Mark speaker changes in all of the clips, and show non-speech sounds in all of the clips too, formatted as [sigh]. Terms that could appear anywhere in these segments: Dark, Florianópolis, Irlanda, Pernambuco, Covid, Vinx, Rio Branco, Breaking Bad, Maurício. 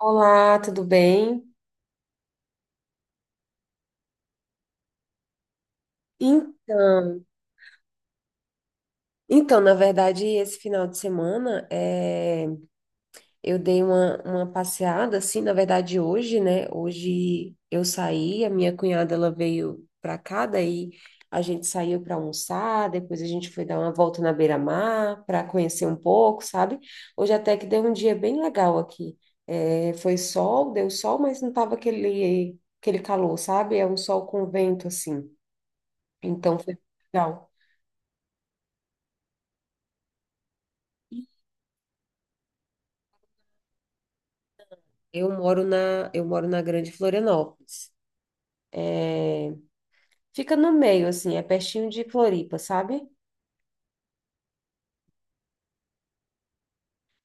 Speaker 1: Olá, tudo bem? Em- Então, na verdade, esse final de semana eu dei uma passeada, assim, na verdade, hoje, né? Hoje eu saí, a minha cunhada ela veio pra cá, daí a gente saiu para almoçar, depois a gente foi dar uma volta na beira-mar para conhecer um pouco, sabe? Hoje até que deu um dia bem legal aqui. É, foi sol, deu sol, mas não tava aquele calor, sabe? É um sol com vento, assim. Então foi legal. Eu moro na Grande Florianópolis. É, fica no meio, assim, é pertinho de Floripa, sabe?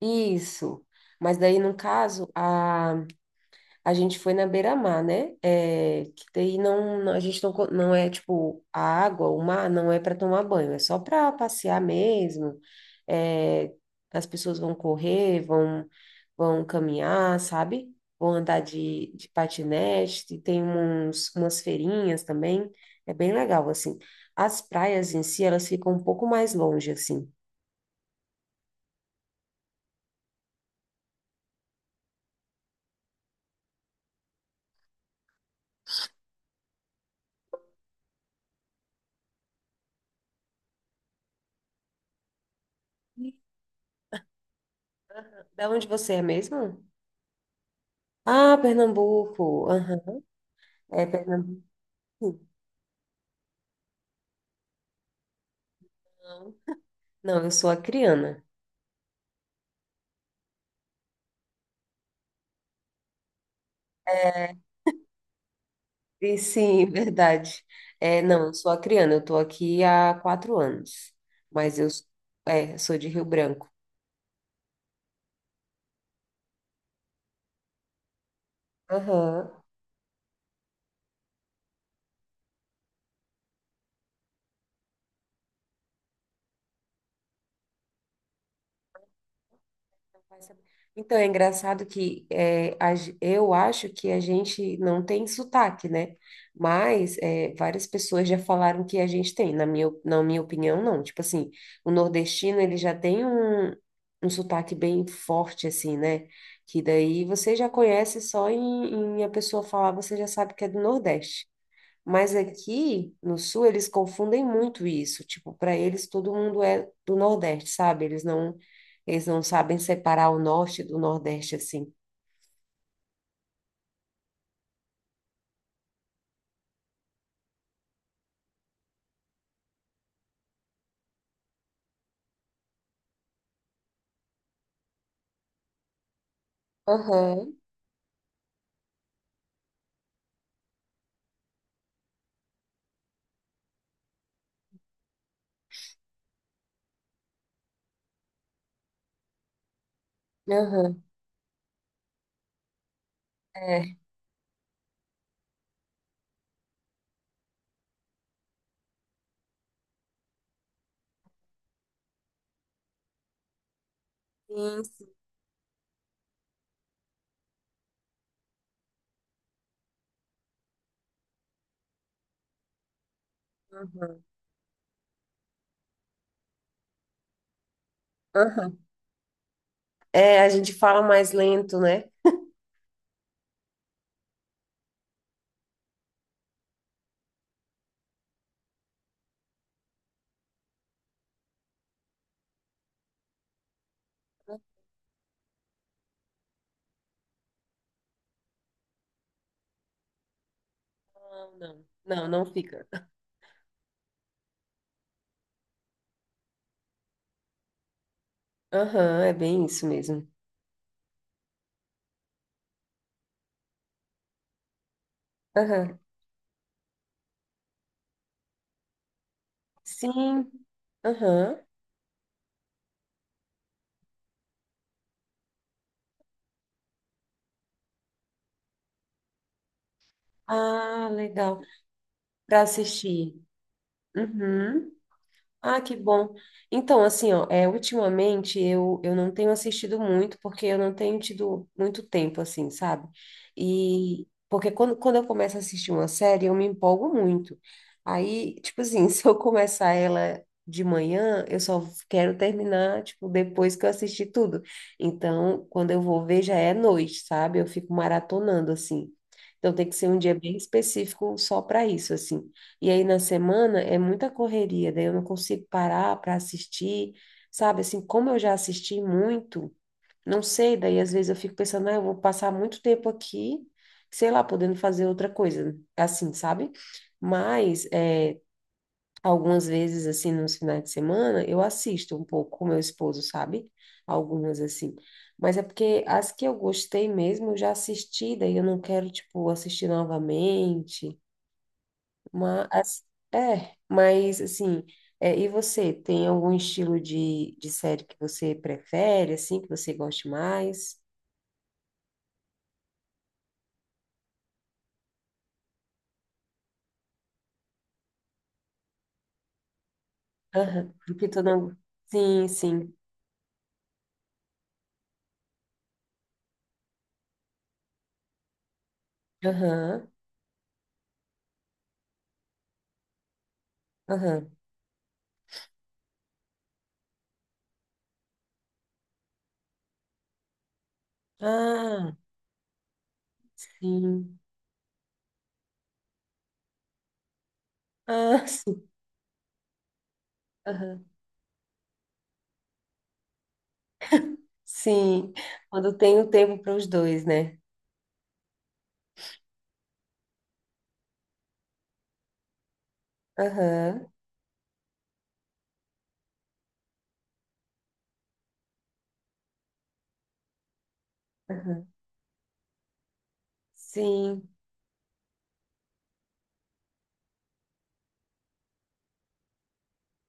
Speaker 1: Isso. Mas daí, no caso, a gente foi na beira-mar, né? É, que daí a gente não é tipo a água, o mar não é para tomar banho, é só para passear mesmo. É, as pessoas vão correr, vão caminhar, sabe? Vão andar de patinete, e tem umas feirinhas também. É bem legal, assim. As praias em si, elas ficam um pouco mais longe, assim. Da onde você é mesmo? Ah, Pernambuco. Aham. É Pernambuco. Não, eu sou acriana. E sim, [laughs] verdade. É, não, eu sou acriana. Eu estou aqui há 4 anos, mas sou de Rio Branco. Aham. Vai saber. Então, é engraçado que eu acho que a gente não tem sotaque, né? Mas várias pessoas já falaram que a gente tem. Na minha opinião, não. Tipo assim, o nordestino, ele já tem um sotaque bem forte, assim, né? Que daí você já conhece só em a pessoa falar, você já sabe que é do Nordeste. Mas aqui no sul eles confundem muito isso. Tipo, para eles todo mundo é do Nordeste, sabe? Eles não sabem separar o norte do Nordeste assim. Aham, aham. É, sim, sim, aham, aham. A gente fala mais lento, né? Não, não, não, não fica. Aham, é bem isso mesmo. Aham. Sim. Aham. Ah, legal. Para assistir. Uhum. Ah, que bom. Então, assim, ó, ultimamente eu não tenho assistido muito porque eu não tenho tido muito tempo, assim, sabe? E porque quando eu começo a assistir uma série, eu me empolgo muito. Aí, tipo assim, [laughs] se eu começar ela de manhã, eu só quero terminar, tipo, depois que eu assistir tudo. Então, quando eu vou ver, já é noite, sabe? Eu fico maratonando, assim. Então, tem que ser um dia bem específico só para isso, assim. E aí na semana é muita correria, daí eu não consigo parar para assistir, sabe? Assim, como eu já assisti muito, não sei, daí às vezes eu fico pensando, ah, eu vou passar muito tempo aqui, sei lá, podendo fazer outra coisa, assim, sabe? Mas algumas vezes, assim, nos finais de semana, eu assisto um pouco com meu esposo, sabe? Algumas, assim. Mas é porque as que eu gostei mesmo, eu já assisti, daí eu não quero, tipo, assistir novamente. Mas, mas assim, e você, tem algum estilo de série que você prefere, assim, que você goste mais? Aham, porque tu não sim, sim, aham, aham. Ah, sim, ah, [laughs] sim, aham, sim. Quando tem o tempo para os dois, né? Aham, aham, sim,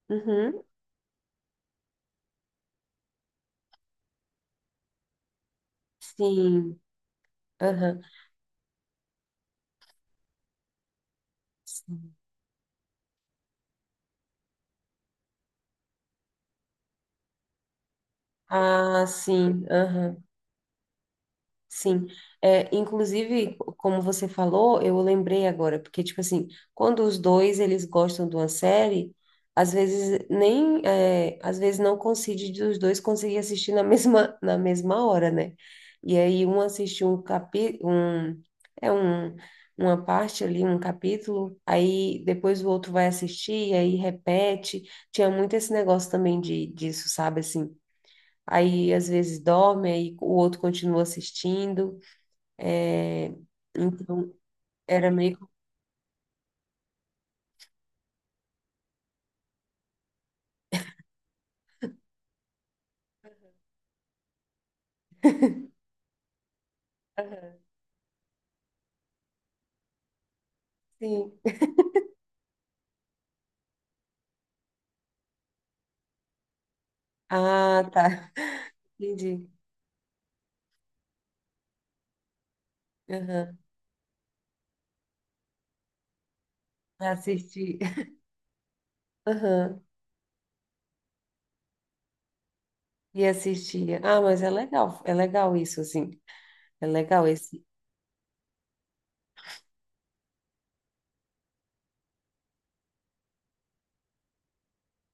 Speaker 1: uhum, sim, aham, sim. Ah, sim, aham. Sim, é, inclusive, como você falou, eu lembrei agora, porque, tipo assim, quando os dois, eles gostam de uma série, às vezes não coincide dos dois conseguir assistir na [laughs] mesma hora, né? E aí um assiste um capi, um, é um, uma parte ali, um capítulo, aí depois o outro vai assistir, aí repete, tinha muito esse negócio também disso, sabe, assim, aí às vezes dorme, aí o outro continua assistindo, é, então, era meio. [laughs] Aham, sim. Ah, tá. Entendi. Aham. Assisti. Aham. E assistia. Ah, mas é legal. É legal isso, assim. É legal esse.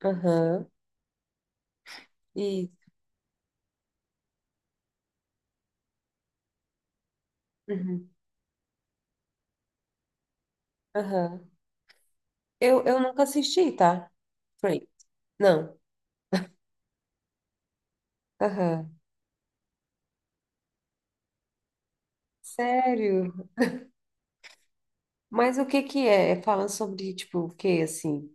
Speaker 1: Aham. E. Uhum. Aham. Eu nunca assisti, tá? Friends. Não. Aham. Sério? Mas o que que é? É falando sobre, tipo, o quê, assim?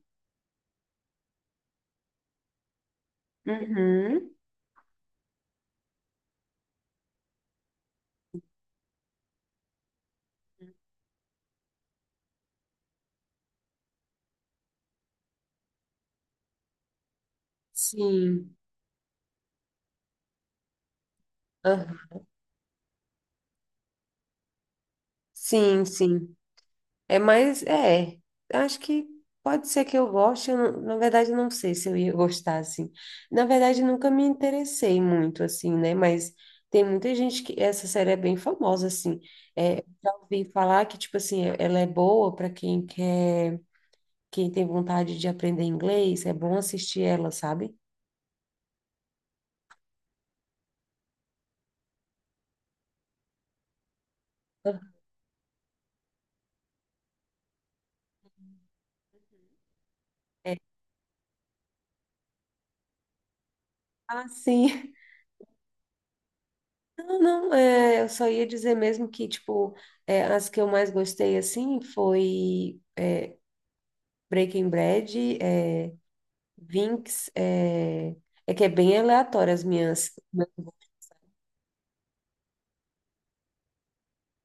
Speaker 1: Uhum. Sim. Aham. Sim, sim. É mais, é, acho que pode ser que eu goste, eu não- na verdade eu não sei se eu ia [laughs] gostar, assim. Na verdade nunca me interessei muito, assim, né, mas tem muita gente que, essa série é bem famosa, assim, é, já ouvi falar que, tipo assim, ela é boa para quem tem vontade de aprender inglês, é bom assistir ela, sabe? É. Ah, sim. [laughs] Não, não, eu só ia dizer mesmo que, tipo, as que eu mais gostei, assim, foi Breaking Bad, Vinx, é que é bem aleatório as minhas.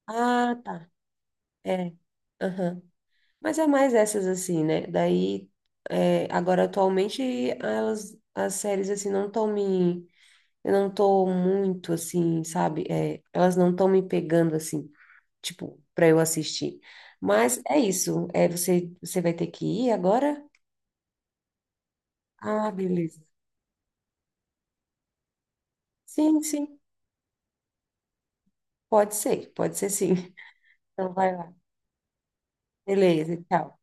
Speaker 1: Ah, tá. É. Aham. Mas é mais essas assim, né? Daí, agora atualmente as séries assim não estão me, eu não tô muito assim, sabe? É, elas não estão me pegando assim, tipo, para eu assistir. Mas é isso. É, você vai ter que ir agora? Ah, beleza. Sim, sim. Pode ser sim. [laughs] Então vai lá. Beleza, tchau.